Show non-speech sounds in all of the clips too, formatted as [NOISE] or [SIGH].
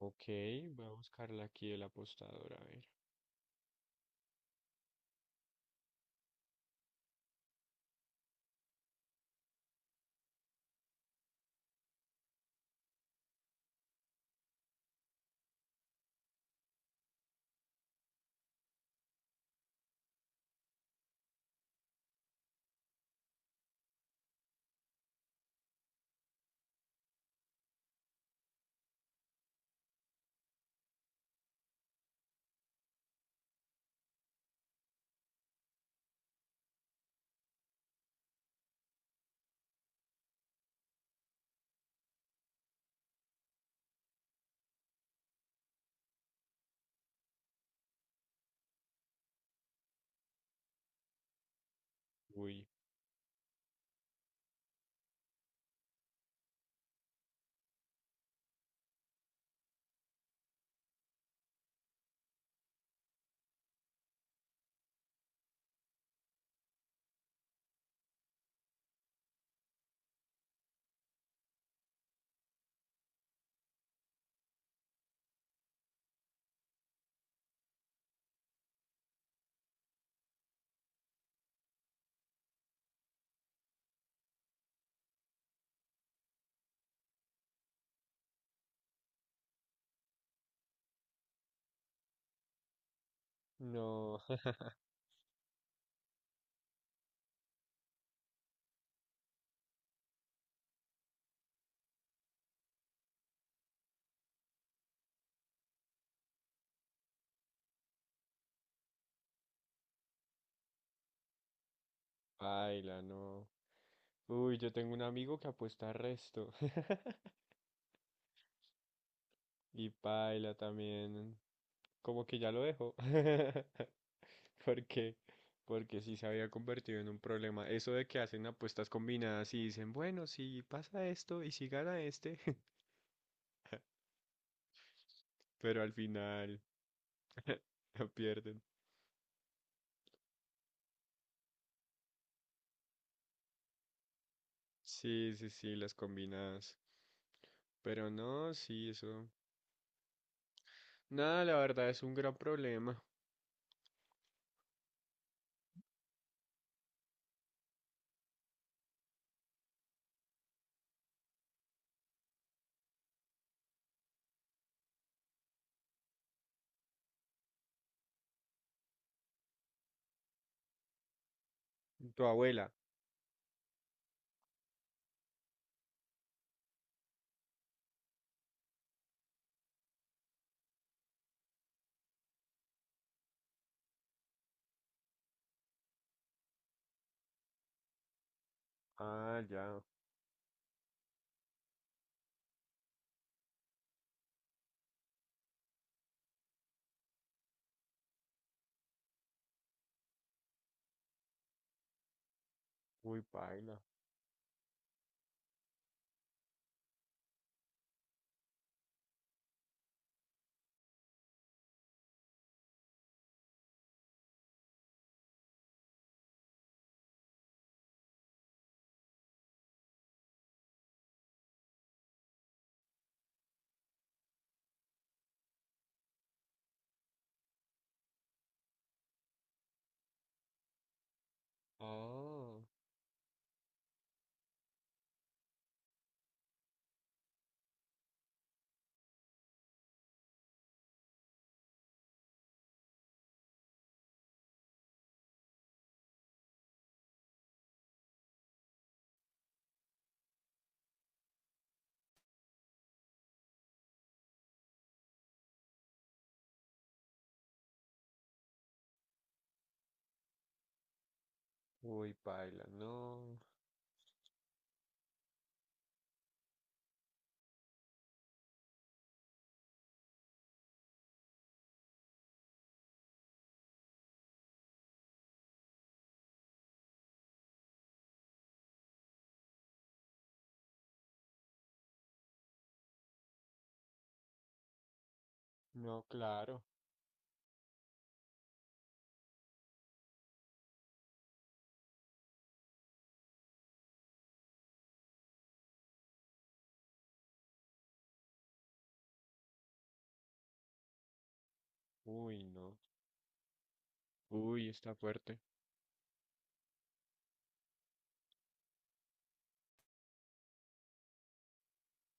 Ok, voy a buscarla aquí el apostador, a ver. Uy, no, [LAUGHS] paila, no. Uy, yo tengo un amigo que apuesta resto. [LAUGHS] Y paila también. Como que ya lo dejo. [LAUGHS] Porque, porque sí se había convertido en un problema. Eso de que hacen apuestas combinadas y dicen, bueno, si pasa esto y si gana este, [LAUGHS] pero al final [LAUGHS] la pierden. Sí, sí, sí, las combinadas. Pero no, sí, eso. Nada, la verdad es un gran problema. Tu abuela. Ah, ya. Uy, paila. Oh, uy, paila, no, no, claro, uy, no, uy, está fuerte.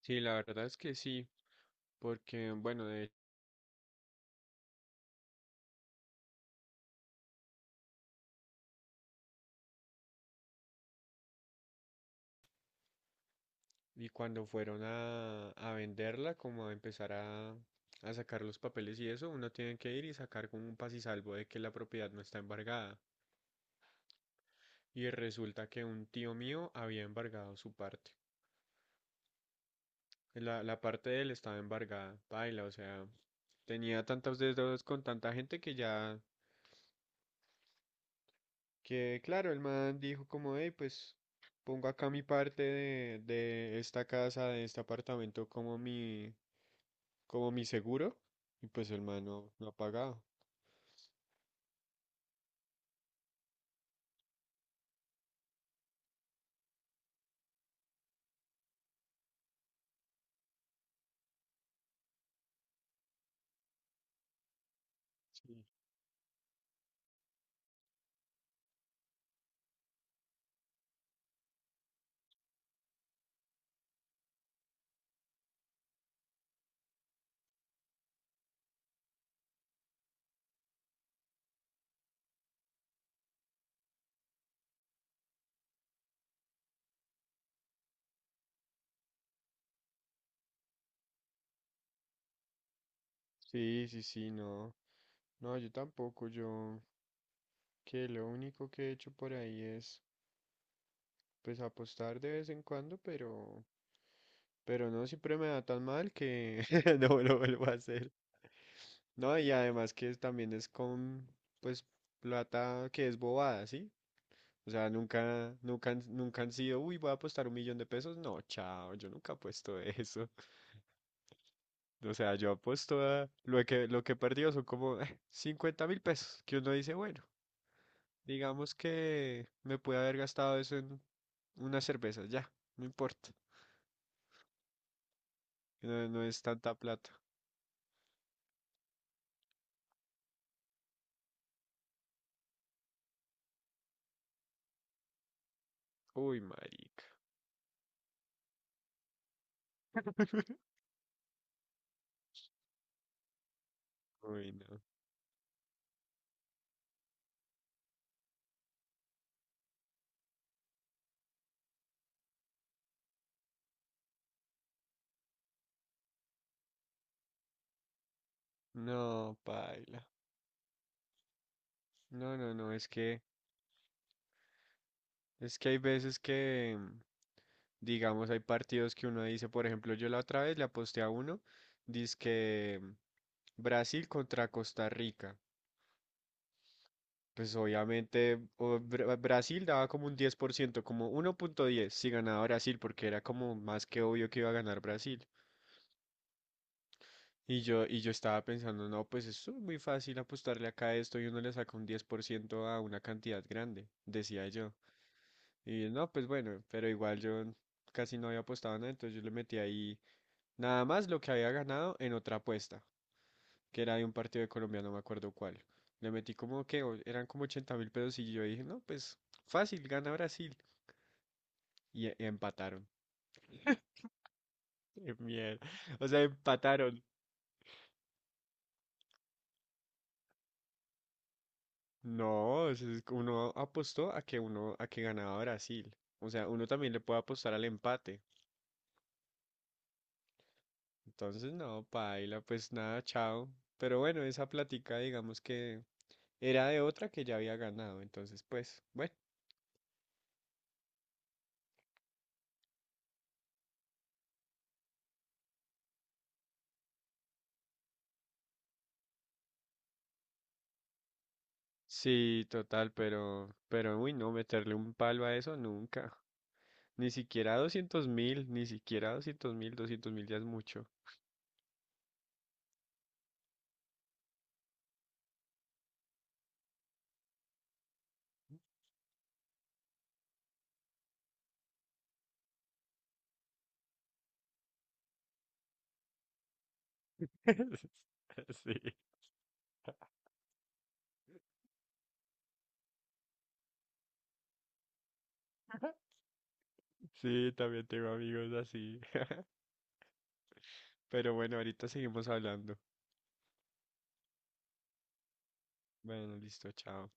Sí, la verdad es que sí, porque, bueno, y cuando fueron a venderla, como a empezar a sacar los papeles y eso, uno tiene que ir y sacar como un pasisalvo de que la propiedad no está embargada. Y resulta que un tío mío había embargado su parte. La parte de él estaba embargada, paila, o sea, tenía tantos dedos con tanta gente que ya, que claro, el man dijo como, hey, pues pongo acá mi parte de esta casa, de este apartamento como mi seguro, y pues el man no, no ha pagado. Sí. Sí, sí, sí, no, no, yo tampoco, yo, que lo único que he hecho por ahí es, pues apostar de vez en cuando, pero no, siempre me da tan mal que [LAUGHS] no lo vuelvo a hacer. No, y además que también es con, pues, plata que es bobada, ¿sí? O sea, nunca, nunca, nunca han sido, uy, voy a apostar 1 millón de pesos. No, chao, yo nunca apuesto eso. [LAUGHS] O sea, yo apuesto a lo que, he perdido son como 50 mil pesos, que uno dice, bueno, digamos que me pude haber gastado eso en una cerveza, ya, no importa. No, no es tanta plata. Uy, marica. [LAUGHS] Uy, no. No, paila. No, no, no, es que... Es que hay veces que, mm, digamos, hay partidos que uno dice, por ejemplo, yo la otra vez le aposté a uno, que Brasil contra Costa Rica. Pues obviamente Brasil daba como un 10% como 1,10 si ganaba Brasil, porque era como más que obvio que iba a ganar Brasil. Y yo estaba pensando, no, pues es muy fácil apostarle acá a esto y uno le saca un 10% a una cantidad grande, decía yo. Y no, pues bueno, pero igual yo casi no había apostado nada, entonces yo le metí ahí nada más lo que había ganado en otra apuesta, que era de un partido de Colombia, no me acuerdo cuál. Le metí como que eran como 80.000 pesos y yo dije, no, pues fácil, gana Brasil. Y, empataron. [LAUGHS] Mierda. O sea, empataron. No, o sea, es que uno apostó a que uno, a que ganaba Brasil. O sea, uno también le puede apostar al empate. Entonces, no, paila, pues nada, chao. Pero bueno, esa plática, digamos que era de otra que ya había ganado, entonces pues, bueno. Sí, total, pero, uy, no, meterle un palo a eso nunca. [LAUGHS] Ni siquiera 200.000, ni siquiera 200.000, 200.000 ya es mucho. [LAUGHS] Sí, sí, también tengo amigos así. [LAUGHS] Pero bueno, ahorita seguimos hablando. Bueno, listo, chao.